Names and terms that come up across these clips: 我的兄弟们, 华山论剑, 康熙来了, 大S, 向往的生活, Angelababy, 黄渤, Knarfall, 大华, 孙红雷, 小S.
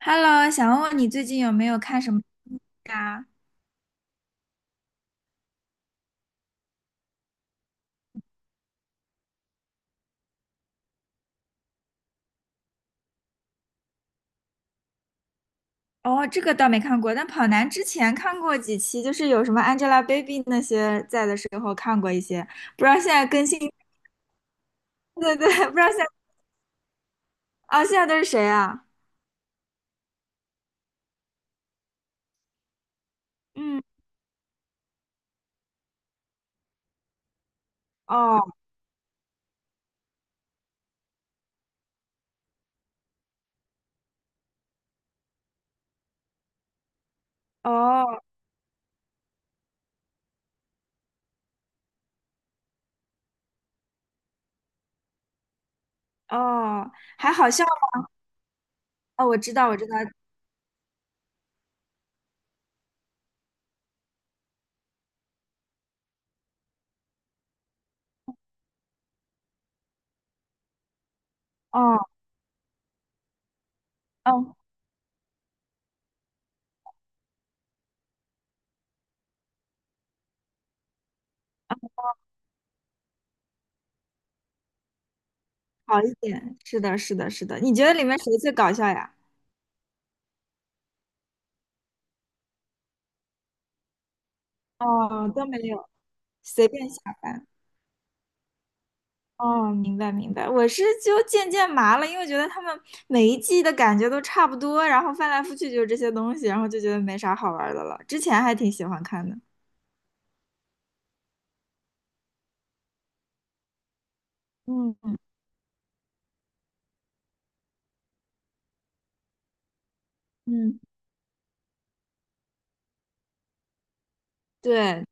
Hello，想问问你最近有没有看什么啊？哦，这个倒没看过，但跑男之前看过几期，就是有什么 Angelababy 那些在的时候看过一些，不知道现在更新，对对，不知道现在啊、现在都是谁啊？嗯，哦哦哦，还好笑吗？哦，我知道，我知道，哦哦，好一点，是的，是的，是的，你觉得里面谁最搞笑呀？哦，都没有，随便下饭。哦，明白明白，我是就渐渐麻了，因为觉得他们每一季的感觉都差不多，然后翻来覆去就是这些东西，然后就觉得没啥好玩的了。之前还挺喜欢看的。嗯嗯，对，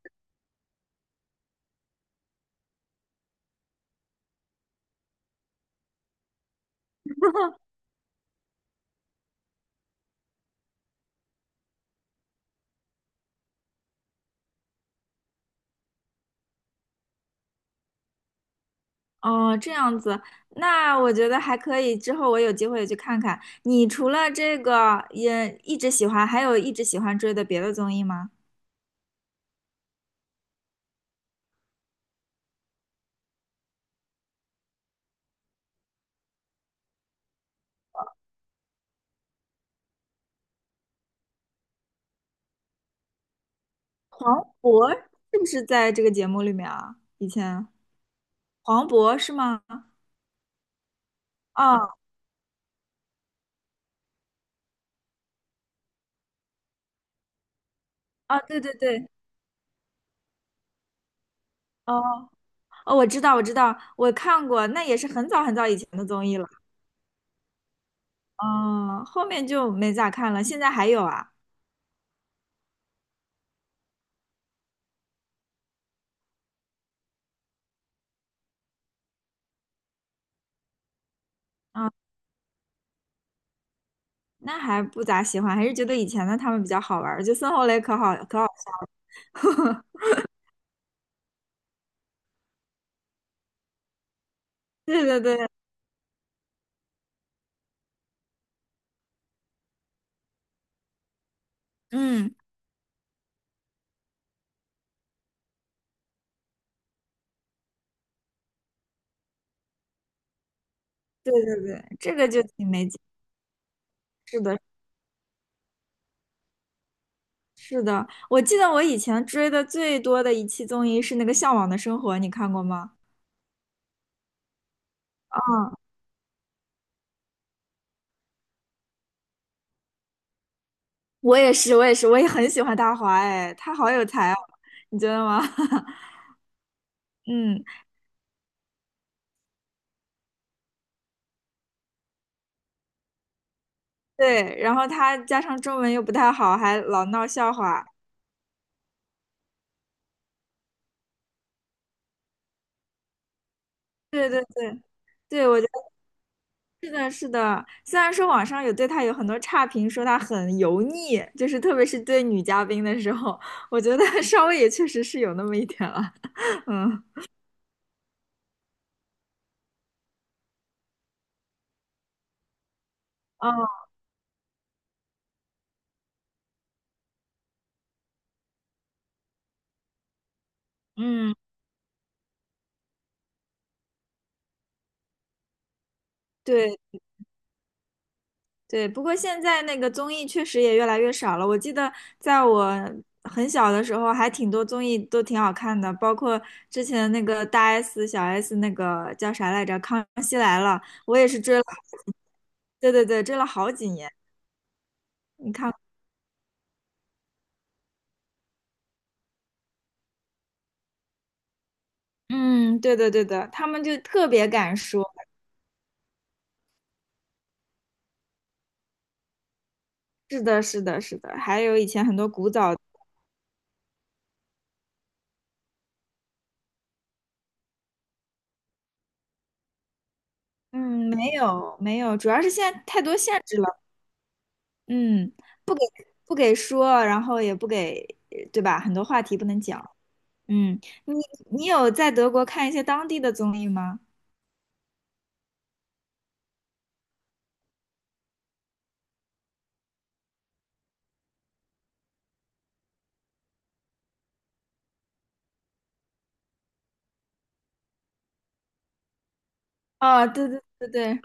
哦，这样子，那我觉得还可以。之后我有机会也去看看。你除了这个也一直喜欢，还有一直喜欢追的别的综艺吗？黄渤是不是在这个节目里面啊？以前黄渤是吗？哦哦，对对对，哦哦，我知道，我知道，我看过，那也是很早很早以前的综艺了。嗯，后面就没咋看了。现在还有啊？嗯，那还不咋喜欢，还是觉得以前的他们比较好玩儿。就孙红雷可好可好笑了。对对对，嗯，对对对，这个就挺没劲。是的，是的，我记得我以前追的最多的一期综艺是那个《向往的生活》，你看过吗？嗯，我也是，我也是，我也很喜欢大华，哎，他好有才哦，你觉得吗？嗯。对，然后他加上中文又不太好，还老闹笑话。对对对对，我觉得是的，是的。虽然说网上有对他有很多差评，说他很油腻，就是特别是对女嘉宾的时候，我觉得 稍微也确实是有那么一点了。嗯，哦，嗯，对。对，不过现在那个综艺确实也越来越少了。我记得在我很小的时候，还挺多综艺都挺好看的，包括之前那个大 S、小 S 那个叫啥来着，《康熙来了》，我也是追了，对对对，追了好几年。嗯，对对对的，他们就特别敢说。是的，是的，是的。还有以前很多古早，嗯，没有没有，主要是现在太多限制了，嗯，不给不给说，然后也不给，对吧？很多话题不能讲。嗯，你有在德国看一些当地的综艺吗？啊，对对对对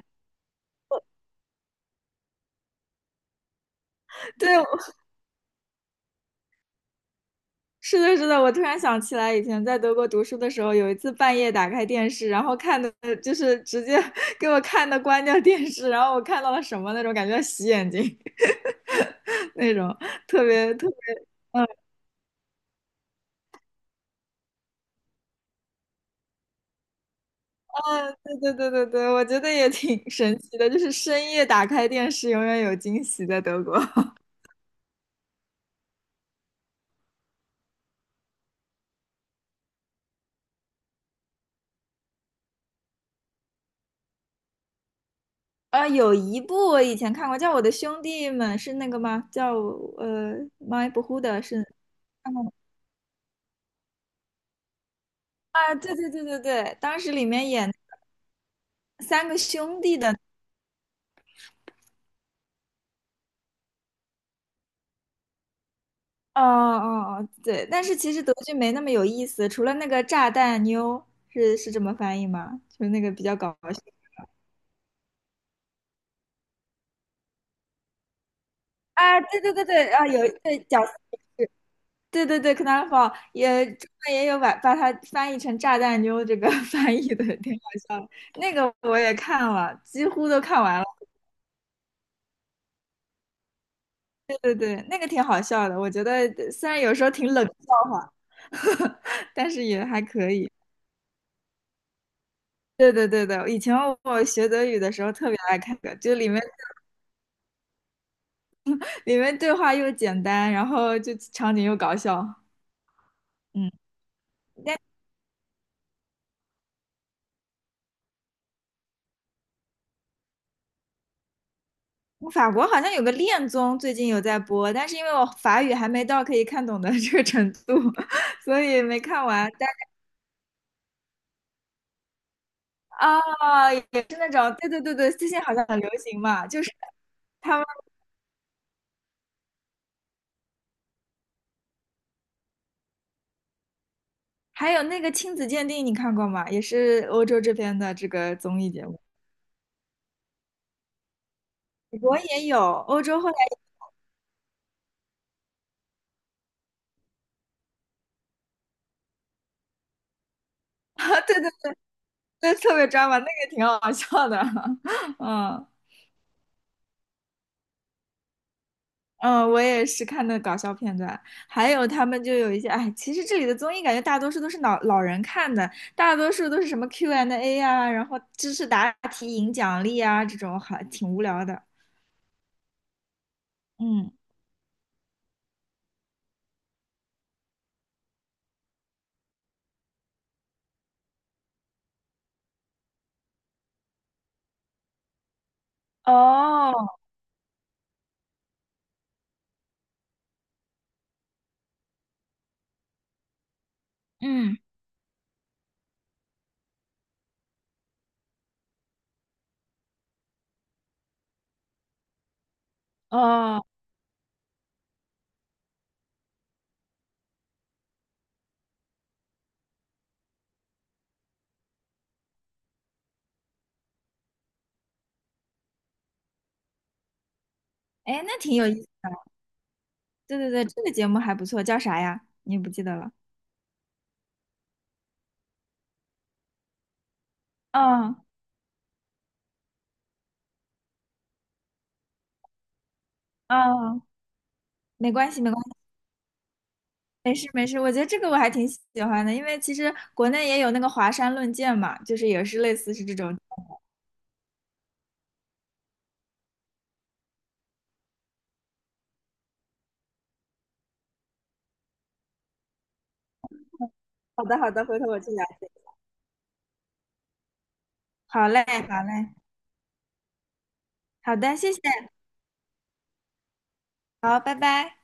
对，是的，是的，我突然想起来，以前在德国读书的时候，有一次半夜打开电视，然后看的就是直接 给我看的关掉电视，然后我看到了什么那种感觉洗眼睛 那种，特别特别，嗯，对对对对对，我觉得也挺神奇的，就是深夜打开电视，永远有惊喜在德国。有一部我以前看过，叫《我的兄弟们》，是那个吗？叫My b r o d 的是看过吗？啊，对对对对对，当时里面演三个兄弟的，哦哦哦，对，但是其实德剧没那么有意思，除了那个炸弹妞是是这么翻译吗？就是那个比较搞笑啊，对对对对啊，有对角色也是，对对对，Knarfall 也中文也有把它翻译成炸弹妞这个 翻译的，挺搞笑的那个我也看了，几乎都看完了。对对，那个挺好笑的，我觉得虽然有时候挺冷笑话，但是也还可以。对对对对，以前我学德语的时候特别爱看的，就里面对话又简单，然后就场景又搞笑。嗯，法国好像有个恋综最近有在播，但是因为我法语还没到可以看懂的 这个程度，所以没看完。但啊、也是那种，对对对对，最近好像很流行嘛，就是。他们。还有那个亲子鉴定，你看过吗？也是欧洲这边的这个综艺节目，我也有，欧洲后来，啊，对对对，特别抓马，那个挺好笑的。嗯嗯，我也是看的搞笑片段，还有他们就有一些，哎，其实这里的综艺感觉大多数都是老老人看的，大多数都是什么 Q&A 啊，然后知识答题赢奖励啊，这种还挺无聊的。嗯，哦，嗯，哦，哎，那挺有意思。对对对，这个节目还不错，叫啥呀？你不记得了？嗯嗯，没关系，没关系，没事没事。我觉得这个我还挺喜欢的，因为其实国内也有那个华山论剑嘛，就是也是类似是这种。好的好的，回头我去了解。好嘞好嘞，好的，谢谢，好，拜拜。